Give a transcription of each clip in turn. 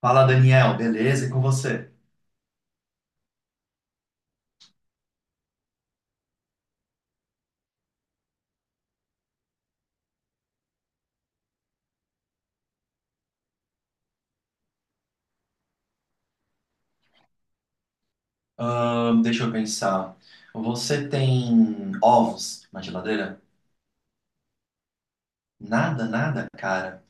Fala, Daniel, beleza? E com você? Deixa eu pensar. Você tem ovos na geladeira? Nada, nada, cara.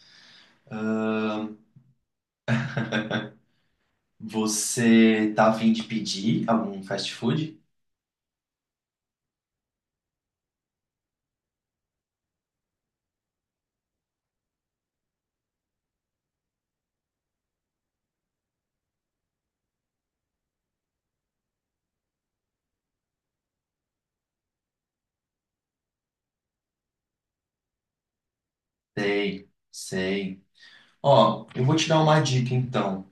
Você tá a fim de pedir algum fast food? Sei, sei. Ó, eu vou te dar uma dica então.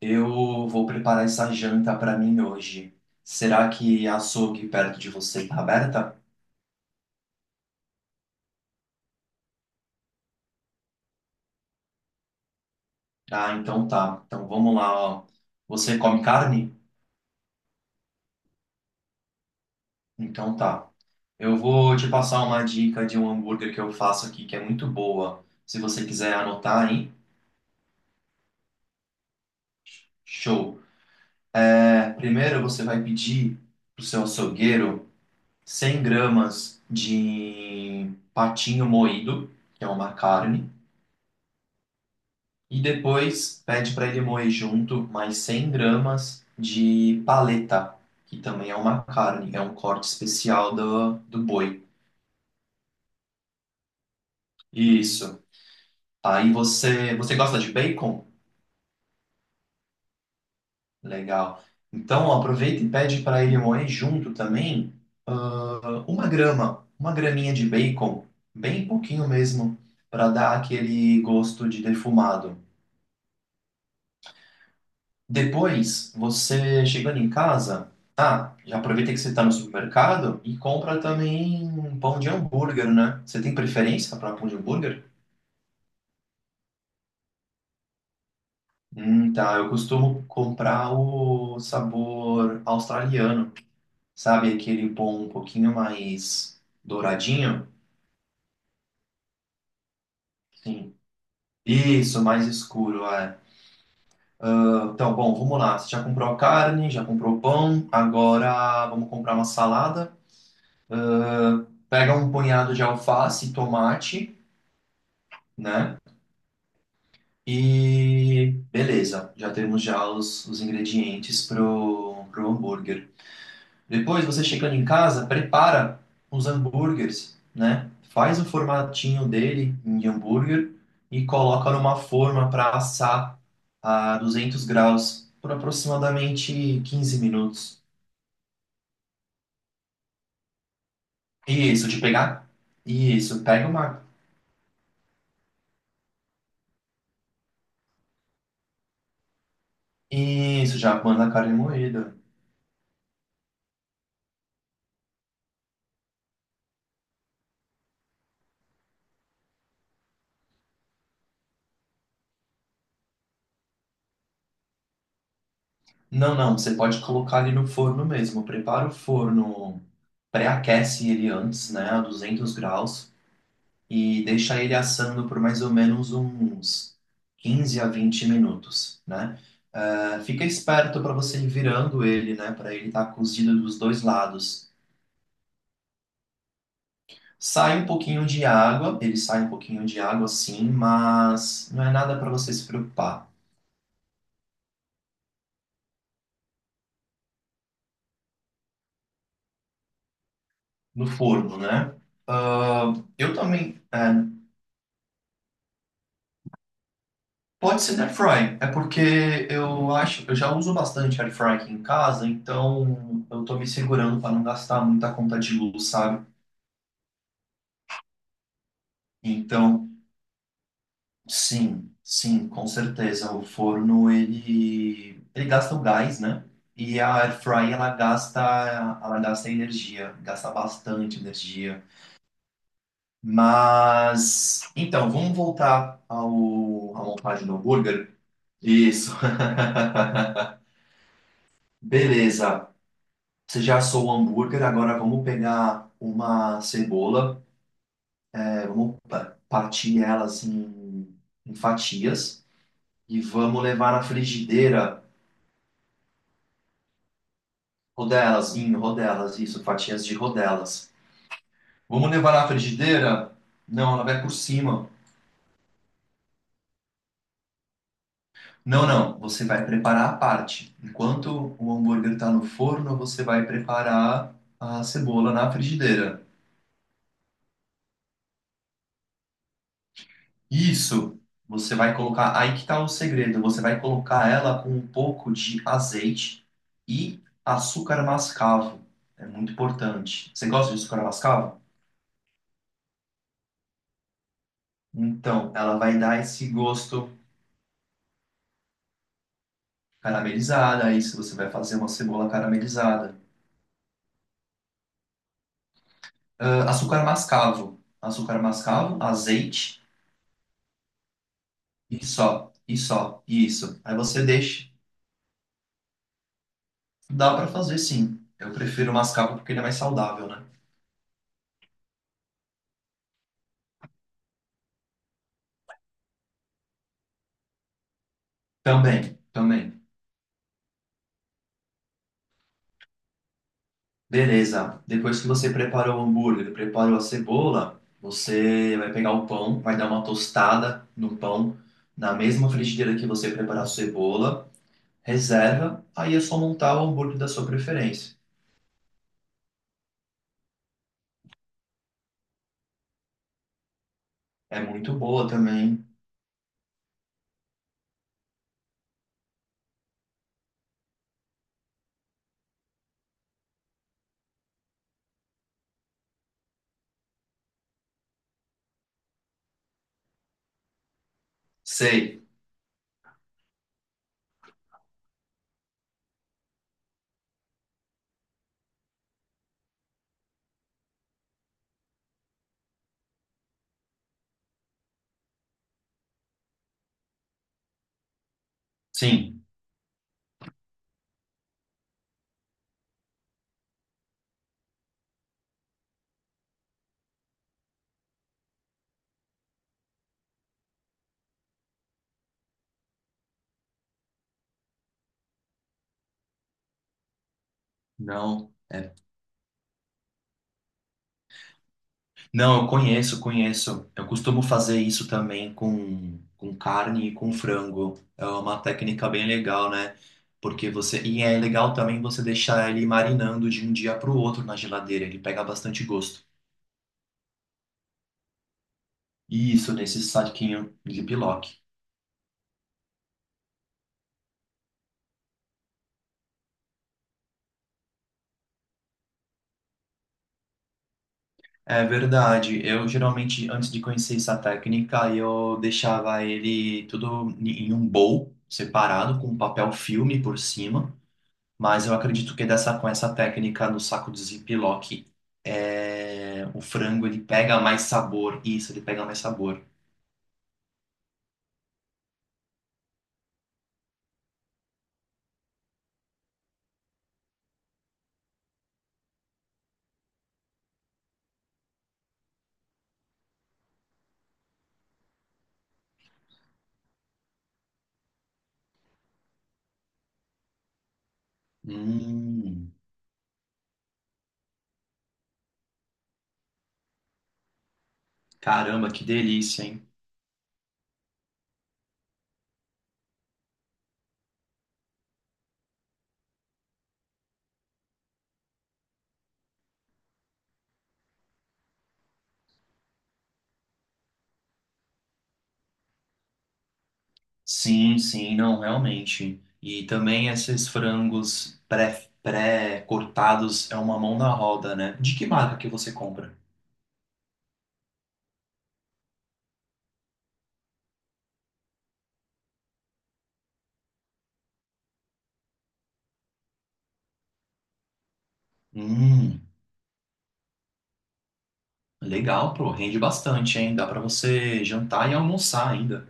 Eu vou preparar essa janta pra mim hoje. Será que a açougue perto de você tá aberta? Ah, então tá. Então vamos lá, ó. Você come carne? Então tá. Eu vou te passar uma dica de um hambúrguer que eu faço aqui que é muito boa. Se você quiser anotar, hein? Show! É, primeiro você vai pedir pro seu açougueiro 100 gramas de patinho moído, que é uma carne, e depois pede para ele moer junto mais 100 gramas de paleta, que também é uma carne, é um corte especial do boi. Isso. Aí você, você gosta de bacon? Legal. Então, aproveita e pede para ele moer junto também uma grama, uma graminha de bacon, bem pouquinho mesmo, para dar aquele gosto de defumado. Depois, você chegando em casa, ah, já aproveita que você está no supermercado e compra também um pão de hambúrguer, né? Você tem preferência para pão de hambúrguer? Tá. Eu costumo comprar o sabor australiano, sabe? Aquele pão um pouquinho mais douradinho. Sim. Isso, mais escuro, é. Então, bom, vamos lá. Você já comprou a carne, já comprou o pão, agora vamos comprar uma salada. Pega um punhado de alface e tomate, né? E beleza, já temos já os ingredientes pro hambúrguer. Depois, você chegando em casa, prepara os hambúrgueres, né? Faz o formatinho dele em hambúrguer e coloca numa forma para assar a 200 graus por aproximadamente 15 minutos. Isso, de pegar? Isso, pega uma. Isso, já manda a carne moída. Não, não, você pode colocar ele no forno mesmo. Prepara o forno, pré-aquece ele antes, né, a 200 graus. E deixar ele assando por mais ou menos uns 15 a 20 minutos, né? Ah, fica esperto para você ir virando ele, né? Para ele estar cozido dos dois lados. Sai um pouquinho de água, ele sai um pouquinho de água sim, mas não é nada para você se preocupar. No forno, né? Ah, eu também. É, pode ser na air fry, é porque eu acho, eu já uso bastante air fry aqui em casa, então eu tô me segurando para não gastar muita conta de luz, sabe? Então, sim, sim, com certeza. O forno, ele gasta o gás, né? E a air fry, ela gasta energia, gasta bastante energia. Mas, então, vamos voltar ao, à montagem do hambúrguer? Isso. Beleza. Você já assou o hambúrguer, agora vamos pegar uma cebola, é, partir ela assim em fatias e vamos levar na frigideira. Rodelas, em rodelas, isso, fatias de rodelas. Vamos levar na frigideira? Não, ela vai por cima. Não, não, você vai preparar a parte. Enquanto o hambúrguer está no forno, você vai preparar a cebola na frigideira. Isso, você vai colocar. Aí que tá o segredo. Você vai colocar ela com um pouco de azeite e açúcar mascavo. É muito importante. Você gosta de açúcar mascavo? Então, ela vai dar esse gosto caramelizada, aí se você vai fazer uma cebola caramelizada. Ah, açúcar mascavo. Açúcar mascavo, azeite e só, e só, e isso. Aí você deixa. Dá pra fazer sim. Eu prefiro o mascavo porque ele é mais saudável, né? Também, também. Beleza. Depois que você preparou o hambúrguer, preparou a cebola, você vai pegar o pão, vai dar uma tostada no pão, na mesma frigideira que você preparar a cebola, reserva, aí é só montar o hambúrguer da sua preferência. É muito boa também. Sei, sim, não. Não, eu conheço, conheço. Eu costumo fazer isso também com carne e com frango. É uma técnica bem legal, né? Porque você. E é legal também você deixar ele marinando de um dia para o outro na geladeira. Ele pega bastante gosto. Isso, nesse saquinho de Ziploc. É verdade. Eu geralmente, antes de conhecer essa técnica, eu deixava ele tudo em um bowl separado, com papel filme por cima. Mas eu acredito que dessa, com essa técnica no saco de Ziploc, é, o frango ele pega mais sabor. Isso, ele pega mais sabor. Hum, caramba, que delícia, hein? Sim, sim, não, realmente. E também esses frangos pré-cortados é uma mão na roda, né? De que marca que você compra? Hum, legal, pô, rende bastante, hein? Dá pra você jantar e almoçar ainda.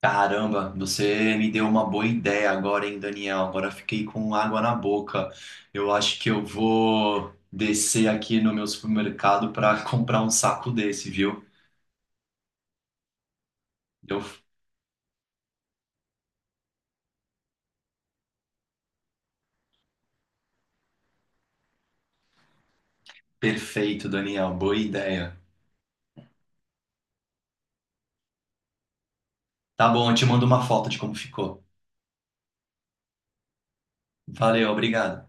Caramba, você me deu uma boa ideia agora, hein, Daniel? Agora fiquei com água na boca. Eu acho que eu vou descer aqui no meu supermercado para comprar um saco desse, viu? Deu perfeito, Daniel. Boa ideia. Tá bom, eu te mando uma foto de como ficou. Valeu, obrigado.